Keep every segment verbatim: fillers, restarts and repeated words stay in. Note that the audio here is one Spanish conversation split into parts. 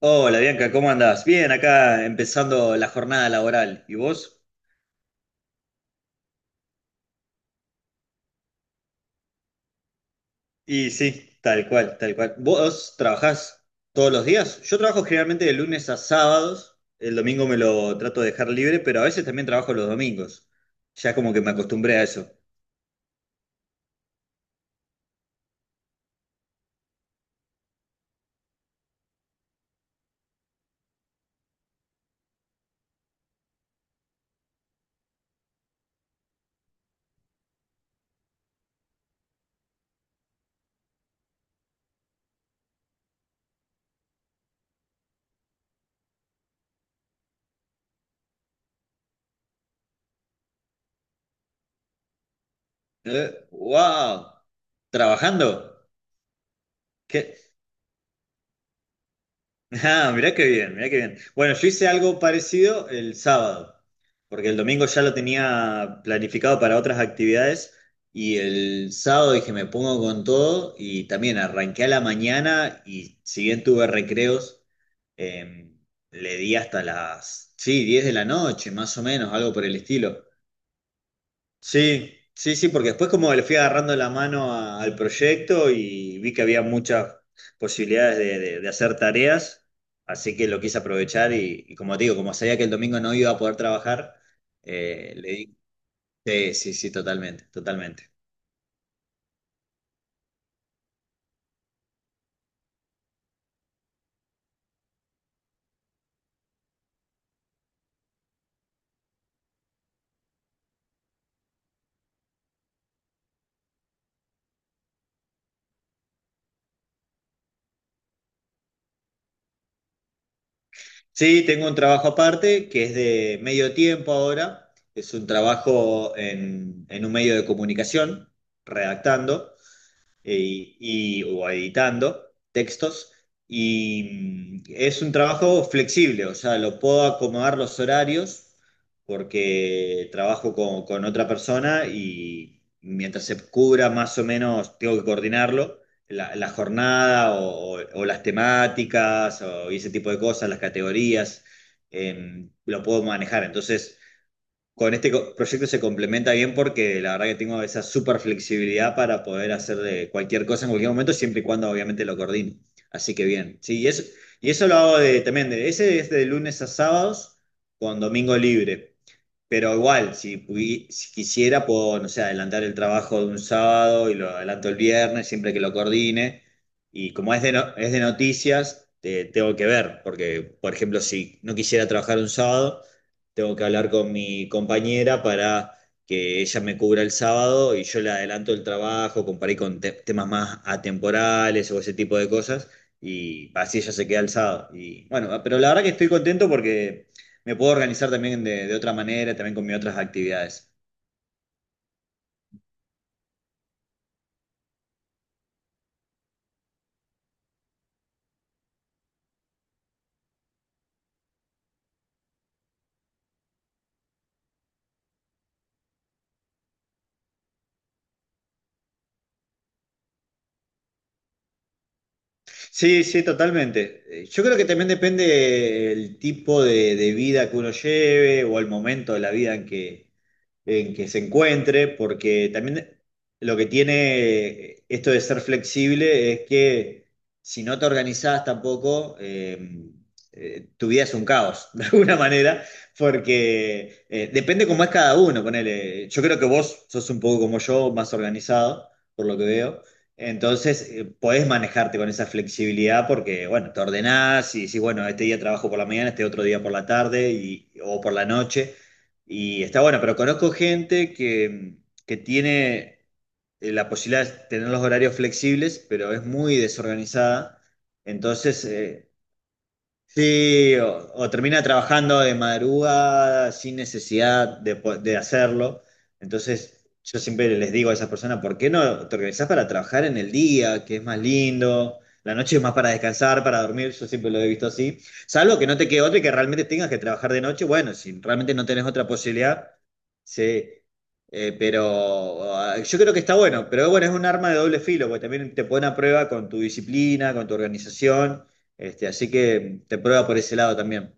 Hola Bianca, ¿cómo andás? Bien, acá empezando la jornada laboral. ¿Y vos? Y sí, tal cual, tal cual. ¿Vos trabajás todos los días? Yo trabajo generalmente de lunes a sábados. El domingo me lo trato de dejar libre, pero a veces también trabajo los domingos. Ya como que me acostumbré a eso. ¿Eh? ¡Wow! ¿Trabajando? ¿Qué? Ah, mirá qué bien, mirá qué bien. Bueno, yo hice algo parecido el sábado, porque el domingo ya lo tenía planificado para otras actividades y el sábado dije me pongo con todo y también arranqué a la mañana y si bien tuve recreos, eh, le di hasta las, sí, diez de la noche, más o menos, algo por el estilo. Sí, sí, sí, porque después como le fui agarrando la mano a- al proyecto y vi que había muchas posibilidades de, de- de hacer tareas, así que lo quise aprovechar y, y como te digo, como sabía que el domingo no iba a poder trabajar, eh, le di... Sí, sí, sí, totalmente, totalmente. Sí, tengo un trabajo aparte que es de medio tiempo ahora, es un trabajo en, en un medio de comunicación, redactando. Eh, y, o editando textos. Y mm, es un trabajo flexible, o sea, lo puedo acomodar los horarios porque trabajo con, con otra persona y mientras se cubra más o menos, tengo que coordinarlo, la, la jornada o, o- o las temáticas o ese tipo de cosas, las categorías, em, lo puedo manejar. Entonces con este co- proyecto se complementa bien porque la verdad que tengo esa super flexibilidad para poder hacer eh, cualquier cosa en cualquier momento, siempre y cuando obviamente lo coordine. Así que bien, sí, y eso, y eso lo hago de, también, de, ese es de lunes a sábados con domingo libre. Pero igual, si, pudi- si quisiera, puedo, no sé, adelantar el trabajo de un sábado y lo adelanto el viernes, siempre que lo coordine. Y como es de, no- es de noticias, eh, tengo que ver, porque, por ejemplo, si no quisiera trabajar un sábado, tengo que hablar con mi compañera para que ella me cubra el sábado y yo le adelanto el trabajo, comparé con te- temas más atemporales o ese tipo de cosas, y así ella se queda el sábado. Y bueno, pero la verdad que estoy contento porque... Me puedo organizar también de, de otra manera, también con mis otras actividades. Sí, sí, totalmente. Eh, Yo creo que también depende el tipo de, de vida que uno lleve o el momento de la vida en que, en que se encuentre, porque también lo que tiene esto de ser flexible es que si no te organizás tampoco, eh, eh, tu vida es un caos, de alguna manera, porque eh, depende cómo es cada uno, ponele, yo creo que vos sos un poco como yo, más organizado, por lo que veo. Entonces, eh, podés manejarte con esa flexibilidad porque, bueno, te ordenás y decís, bueno, este día trabajo por la mañana, este otro día por la tarde y, o por la noche. Y está bueno, pero conozco gente que, que tiene eh, la posibilidad de tener los horarios flexibles, pero es muy desorganizada. Entonces, eh, sí, o, o termina trabajando de madrugada sin necesidad de, po- de hacerlo. Entonces, yo siempre les digo a esas personas, ¿por qué no te organizás para trabajar en el día, que es más lindo? La noche es más para descansar, para dormir, yo siempre lo he visto así. Salvo que no te quede otra y que realmente tengas que trabajar de noche, bueno, si realmente no tenés otra posibilidad, sí. Eh, pero ah, yo creo que está bueno, pero bueno, es un arma de doble filo, porque también te pone a prueba con tu disciplina, con tu organización. Este, así que te prueba por ese lado también.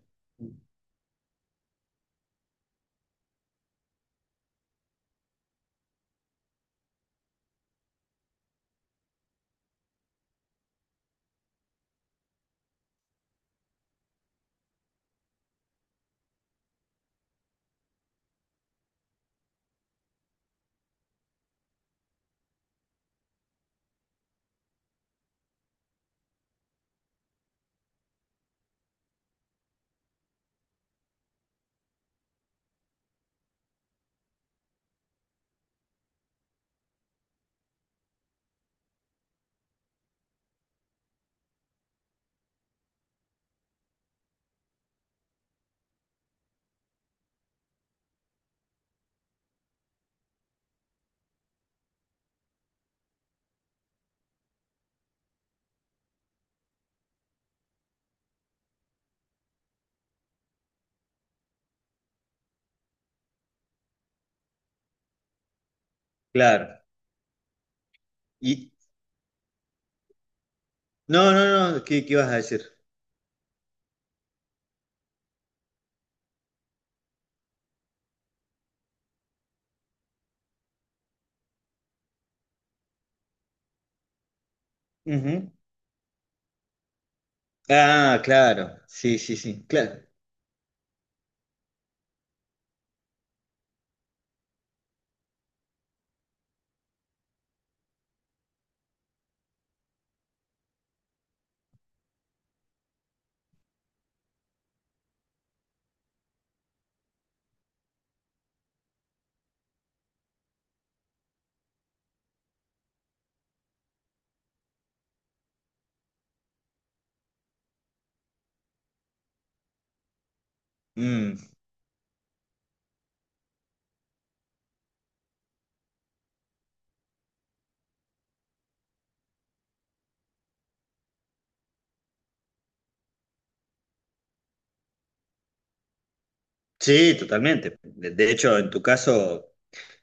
Claro. Y no, no, no, ¿qué, qué vas a decir? Ujú. Ah, claro. Sí, sí, sí. Claro. Mm. Sí, totalmente. De, de hecho, en tu caso,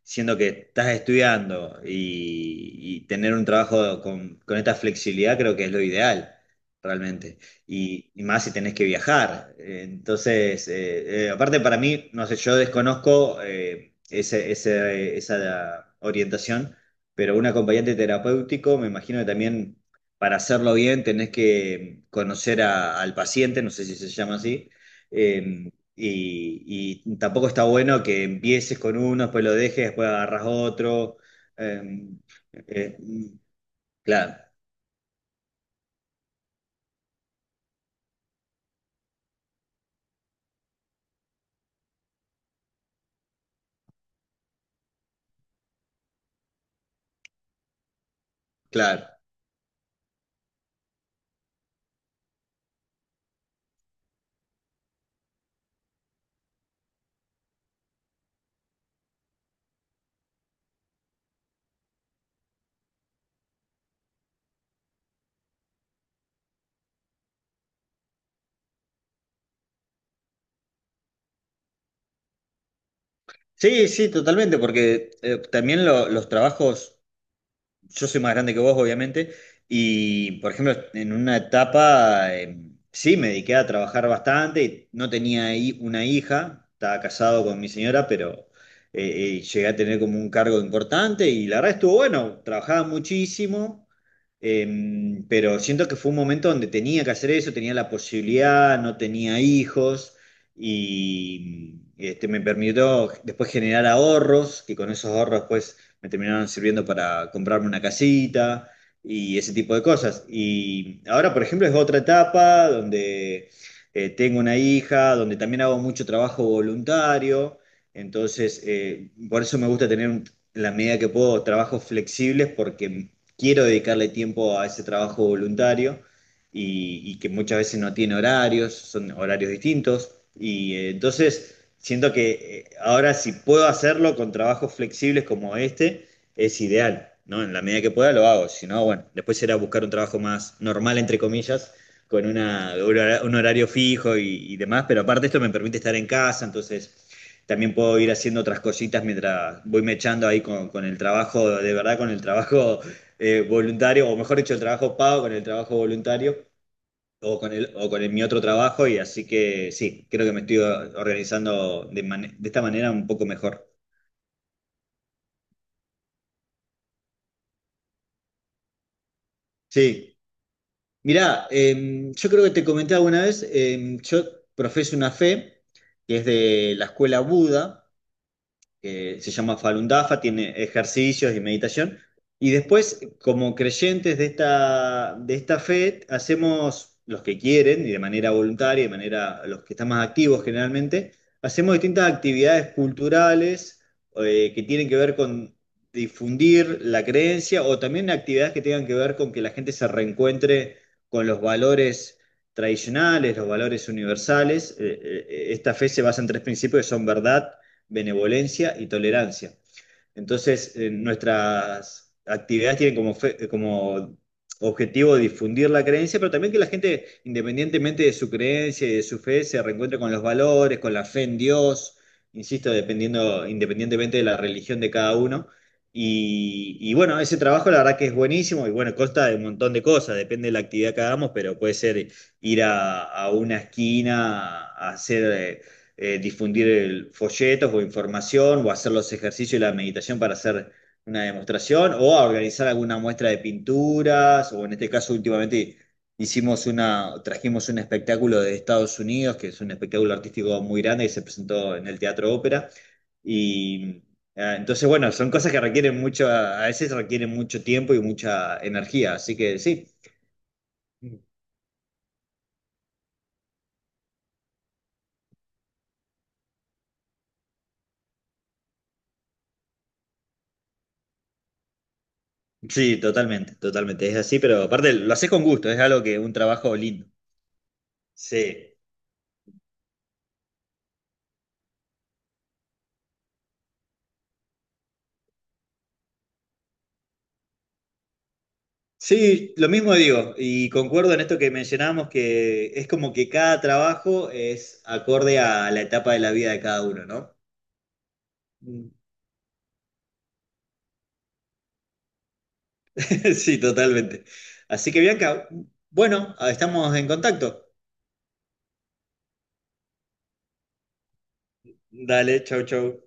siendo que estás estudiando y, y tener un trabajo con, con esta flexibilidad creo que es lo ideal, realmente. Y, y más si tenés que viajar. Eh, Entonces, eh, eh, aparte para mí, no sé, yo desconozco eh, ese- ese- esa orientación, pero un acompañante terapéutico, me imagino que también para hacerlo bien tenés que conocer a- al paciente, no sé si se llama así eh, y, y tampoco está bueno que empieces con uno, después lo dejes, después agarras otro. Eh, eh, claro, claro. Sí, sí, totalmente, porque eh, también lo- los trabajos. Yo soy más grande que vos, obviamente, y por ejemplo, en una etapa eh, sí me dediqué a trabajar bastante, no tenía hi- una hija, estaba casado con mi señora, pero eh, eh, llegué a tener como un cargo importante y la verdad estuvo bueno, trabajaba muchísimo, eh, pero siento que fue un momento donde tenía que hacer eso, tenía la posibilidad, no tenía hijos. Y este, me permitió después generar ahorros, que con esos ahorros después me terminaron sirviendo para comprarme una casita y ese tipo de cosas. Y ahora, por ejemplo, es otra etapa donde eh, tengo una hija, donde también hago mucho trabajo voluntario, entonces eh, por eso me gusta tener un- en la medida que puedo trabajos flexibles porque quiero dedicarle tiempo a ese trabajo voluntario y, y que muchas veces no tiene horarios, son horarios distintos. Y eh, entonces siento que eh, ahora si puedo hacerlo con trabajos flexibles como este, es ideal, ¿no? En la medida que pueda lo hago, si no, bueno, después será buscar un trabajo más normal, entre comillas, con una, un hora- un horario fijo y, y demás, pero aparte esto me permite estar en casa, entonces también puedo ir haciendo otras cositas mientras voy mechando ahí con, con el trabajo, de verdad, con el trabajo eh, voluntario, o mejor dicho, el trabajo pago con el trabajo voluntario o con el, o con el- mi otro trabajo y así que sí, creo que me estoy organizando de, mane- de esta manera un poco mejor. Sí, mirá, em, yo creo que te comenté alguna vez, em, yo profeso una fe que es de la escuela Buda que se llama Falun Dafa, tiene ejercicios y meditación. Y después, como creyentes de esta, de esta fe, hacemos los que quieren y de manera voluntaria, de manera los que están más activos generalmente, hacemos distintas actividades culturales eh, que tienen que ver con difundir la creencia o también actividades que tengan que ver con que la gente se reencuentre con los valores tradicionales, los valores universales. Eh, eh, esta fe se basa en tres principios que son verdad, benevolencia y tolerancia. Entonces, eh, nuestras actividades tienen como, fe- eh, como objetivo difundir la creencia, pero también que la gente, independientemente de su creencia y de su fe, se reencuentre con los valores, con la fe en Dios, insisto, dependiendo, independientemente de la religión de cada uno. Y, y bueno, ese trabajo la verdad que es buenísimo y bueno, consta de un montón de cosas, depende de la actividad que hagamos, pero puede ser ir a, a una esquina a hacer... eh, eh, difundir el- folletos o información o hacer los ejercicios y la meditación para hacer una demostración o a organizar alguna muestra de pinturas o en este caso últimamente hicimos una, trajimos un espectáculo de Estados Unidos que es un espectáculo artístico muy grande que se presentó en el Teatro Ópera y eh, entonces bueno, son cosas que requieren mucho, a veces requieren mucho tiempo y mucha energía, así que sí. Sí, totalmente, totalmente. Es así, pero aparte lo haces con gusto, es algo que un trabajo lindo. Sí, sí, lo mismo digo, y concuerdo en esto que mencionábamos, que es como que cada trabajo es acorde a la etapa de la vida de cada uno, ¿no? Mm. Sí, totalmente. Así que Bianca, bueno, estamos en contacto. Dale, chau, chau.